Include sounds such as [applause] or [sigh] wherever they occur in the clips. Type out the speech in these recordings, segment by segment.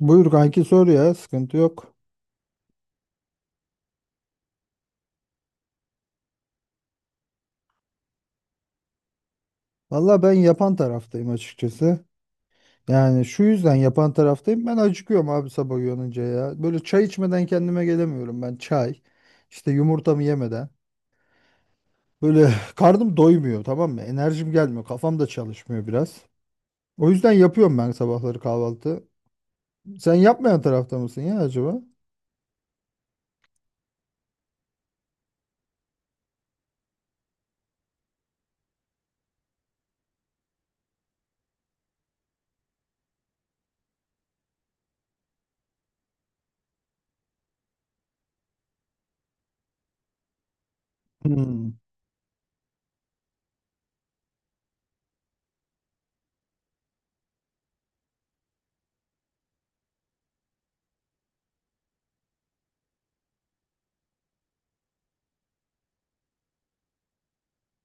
Buyur kanki, sor ya, sıkıntı yok. Valla ben yapan taraftayım açıkçası. Yani şu yüzden yapan taraftayım. Ben acıkıyorum abi sabah uyanınca ya. Böyle çay içmeden kendime gelemiyorum ben. Çay, işte yumurtamı yemeden. Böyle [laughs] [sighs] karnım doymuyor, tamam mı? Enerjim gelmiyor. Kafam da çalışmıyor biraz. O yüzden yapıyorum ben sabahları kahvaltı. Sen yapmayan tarafta mısın ya acaba? Hmm.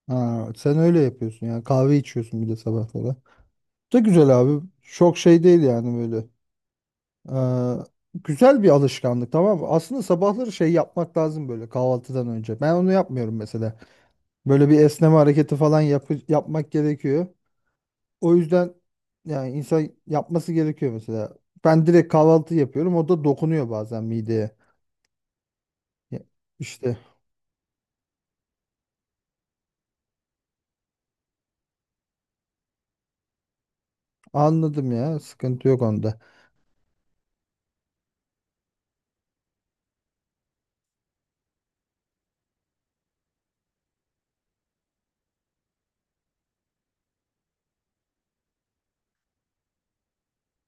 Ha, sen öyle yapıyorsun yani, kahve içiyorsun bir de sabahlara. Da güzel abi. Çok şey değil yani böyle. Ee, Güzel bir alışkanlık, tamam mı? Aslında sabahları şey yapmak lazım böyle, kahvaltıdan önce. Ben onu yapmıyorum mesela. Böyle bir esneme hareketi falan yapmak gerekiyor. O yüzden yani insan yapması gerekiyor mesela. Ben direkt kahvaltı yapıyorum. O da dokunuyor bazen mideye. Ya, İşte anladım ya. Sıkıntı yok onda.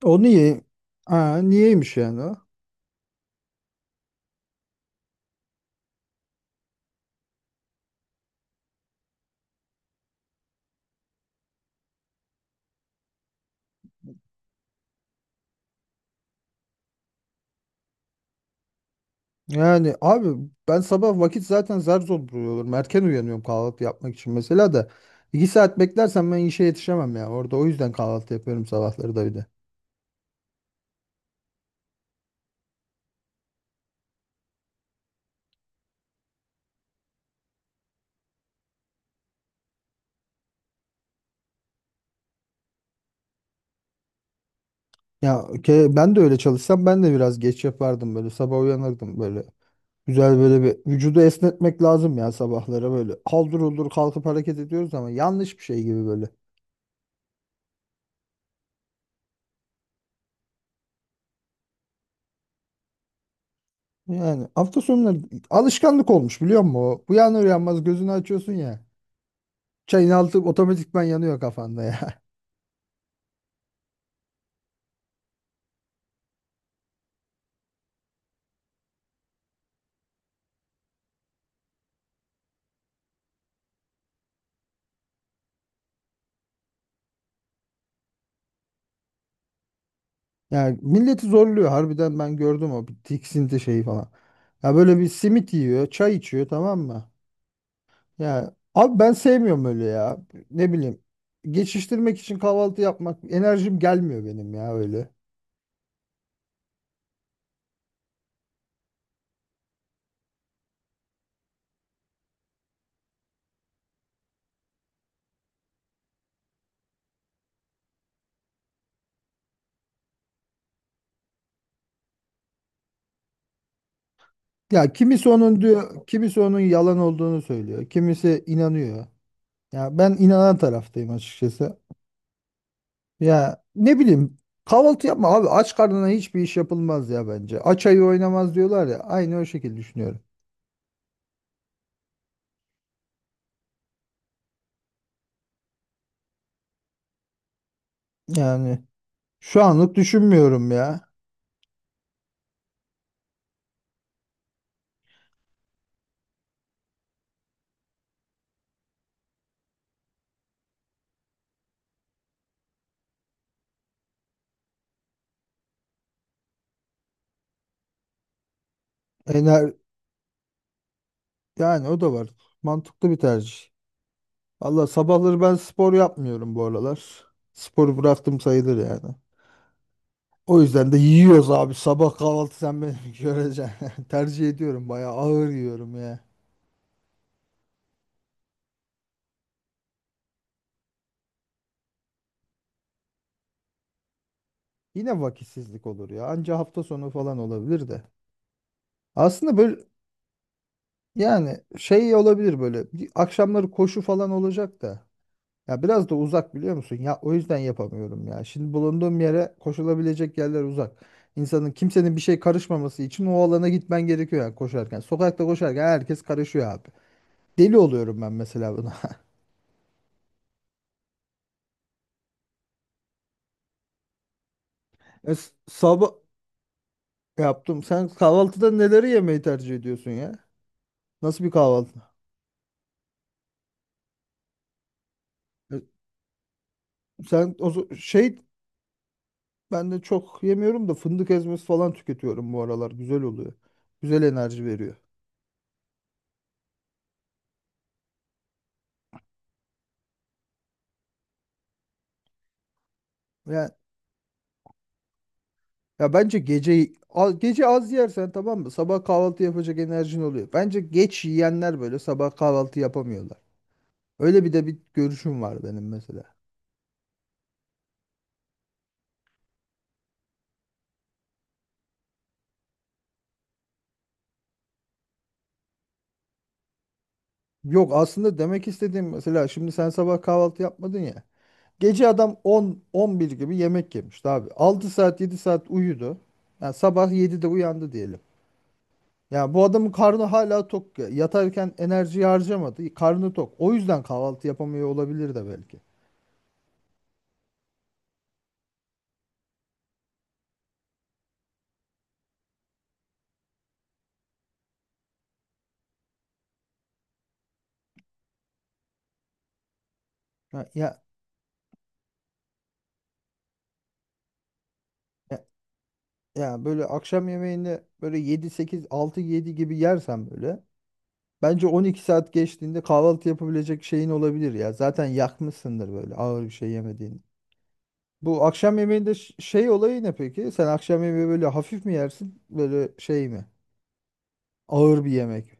O niye? Aa, niyeymiş yani o? Yani abi ben sabah vakit zaten zar zor buluyorum. Erken uyanıyorum kahvaltı yapmak için mesela da. İki saat beklersem ben işe yetişemem ya. Orada o yüzden kahvaltı yapıyorum sabahları da bir de. Ya Ben de öyle çalışsam ben de biraz geç yapardım böyle. Sabah uyanırdım böyle. Güzel, böyle bir vücudu esnetmek lazım ya sabahlara böyle. Haldır huldur kalkıp hareket ediyoruz ama yanlış bir şey gibi böyle. Yani hafta sonları alışkanlık olmuş, biliyor musun? O uyanır uyanmaz gözünü açıyorsun ya. Çayın altı otomatikman yanıyor kafanda ya. Yani milleti zorluyor harbiden, ben gördüm o bir tiksinti şeyi falan. Ya böyle bir simit yiyor, çay içiyor, tamam mı? Ya abi ben sevmiyorum öyle ya. Ne bileyim. Geçiştirmek için kahvaltı yapmak, enerjim gelmiyor benim ya öyle. Ya kimisi onun diyor, kimisi onun yalan olduğunu söylüyor. Kimisi inanıyor. Ya ben inanan taraftayım açıkçası. Ya ne bileyim, kahvaltı yapma abi, aç karnına hiçbir iş yapılmaz ya bence. Aç ayı oynamaz diyorlar ya, aynı o şekilde düşünüyorum. Yani şu anlık düşünmüyorum ya. Ener Yani o da var. Mantıklı bir tercih. Valla sabahları ben spor yapmıyorum bu aralar. Sporu bıraktım sayılır yani. O yüzden de yiyoruz abi sabah kahvaltı, sen beni [laughs] göreceksin. [laughs] Tercih ediyorum, bayağı ağır yiyorum ya. Yine vakitsizlik olur ya. Anca hafta sonu falan olabilir de. Aslında böyle, yani şey olabilir, böyle bir akşamları koşu falan olacak da, ya biraz da uzak, biliyor musun? Ya o yüzden yapamıyorum ya. Şimdi bulunduğum yere koşulabilecek yerler uzak. İnsanın, kimsenin bir şey karışmaması için o alana gitmen gerekiyor yani, koşarken. Sokakta koşarken herkes karışıyor abi. Deli oluyorum ben mesela buna. [laughs] Sabah yaptım. Sen kahvaltıda neleri yemeyi tercih ediyorsun ya? Nasıl bir kahvaltı? E, sen o z- şey Ben de çok yemiyorum da, fındık ezmesi falan tüketiyorum bu aralar. Güzel oluyor. Güzel enerji veriyor. Ya, ya bence gece gece az yersen, tamam mı? Sabah kahvaltı yapacak enerjin oluyor. Bence geç yiyenler böyle sabah kahvaltı yapamıyorlar. Öyle bir de bir görüşüm var benim mesela. Yok, aslında demek istediğim, mesela şimdi sen sabah kahvaltı yapmadın ya. Gece adam 10 11 gibi yemek yemişti abi. 6 saat 7 saat uyudu. Yani sabah 7'de uyandı diyelim. Ya bu adamın karnı hala tok ya. Yatarken enerjiyi harcamadı. Karnı tok. O yüzden kahvaltı yapamıyor olabilir de belki. Ya, ya, ya, ya böyle akşam yemeğini böyle 7 8 6 7 gibi yersen, böyle bence 12 saat geçtiğinde kahvaltı yapabilecek şeyin olabilir ya. Zaten yakmışsındır böyle, ağır bir şey yemediğini. Bu akşam yemeğinde şey olayı ne peki? Sen akşam yemeği böyle hafif mi yersin? Böyle şey mi? Ağır bir yemek.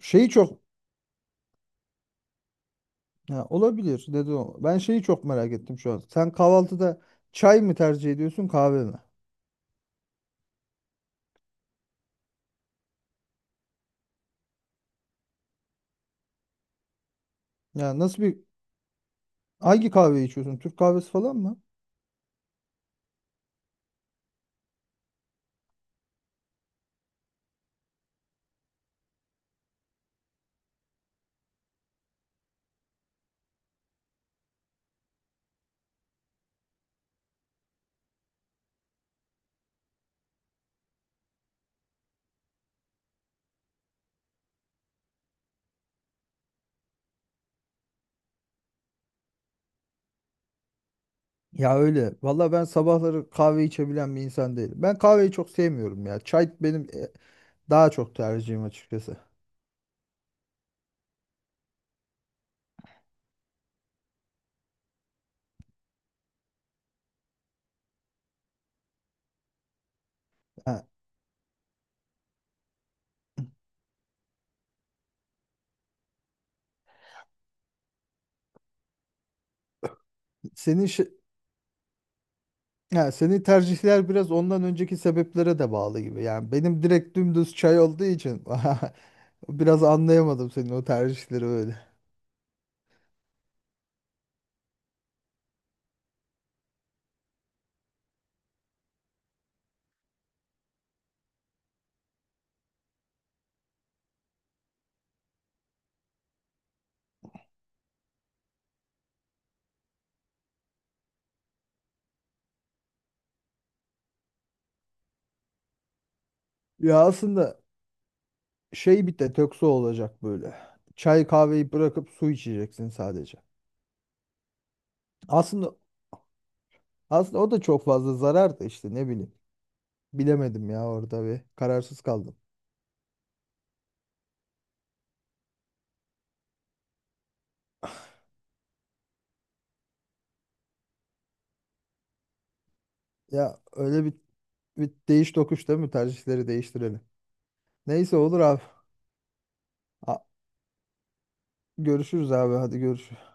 Şeyi çok Ya olabilir dedi o. Ben şeyi çok merak ettim şu an. Sen kahvaltıda çay mı tercih ediyorsun, kahve mi? Ya, nasıl bir, hangi kahve içiyorsun? Türk kahvesi falan mı? Ya öyle. Valla ben sabahları kahve içebilen bir insan değilim. Ben kahveyi çok sevmiyorum ya. Çay benim daha çok tercihim açıkçası. Ha, senin şi- ha, senin tercihler biraz ondan önceki sebeplere de bağlı gibi. Yani benim direkt dümdüz çay olduğu için [laughs] biraz anlayamadım senin o tercihleri öyle. Ya aslında şey, bir detoksu olacak böyle. Çay kahveyi bırakıp su içeceksin sadece. Aslında aslında o da çok fazla zarar da, işte ne bileyim. Bilemedim ya, orada bir kararsız kaldım. Ya öyle bir, bir değiş tokuş değil mi? Tercihleri değiştirelim. Neyse, olur abi. A- Görüşürüz abi, hadi görüşürüz.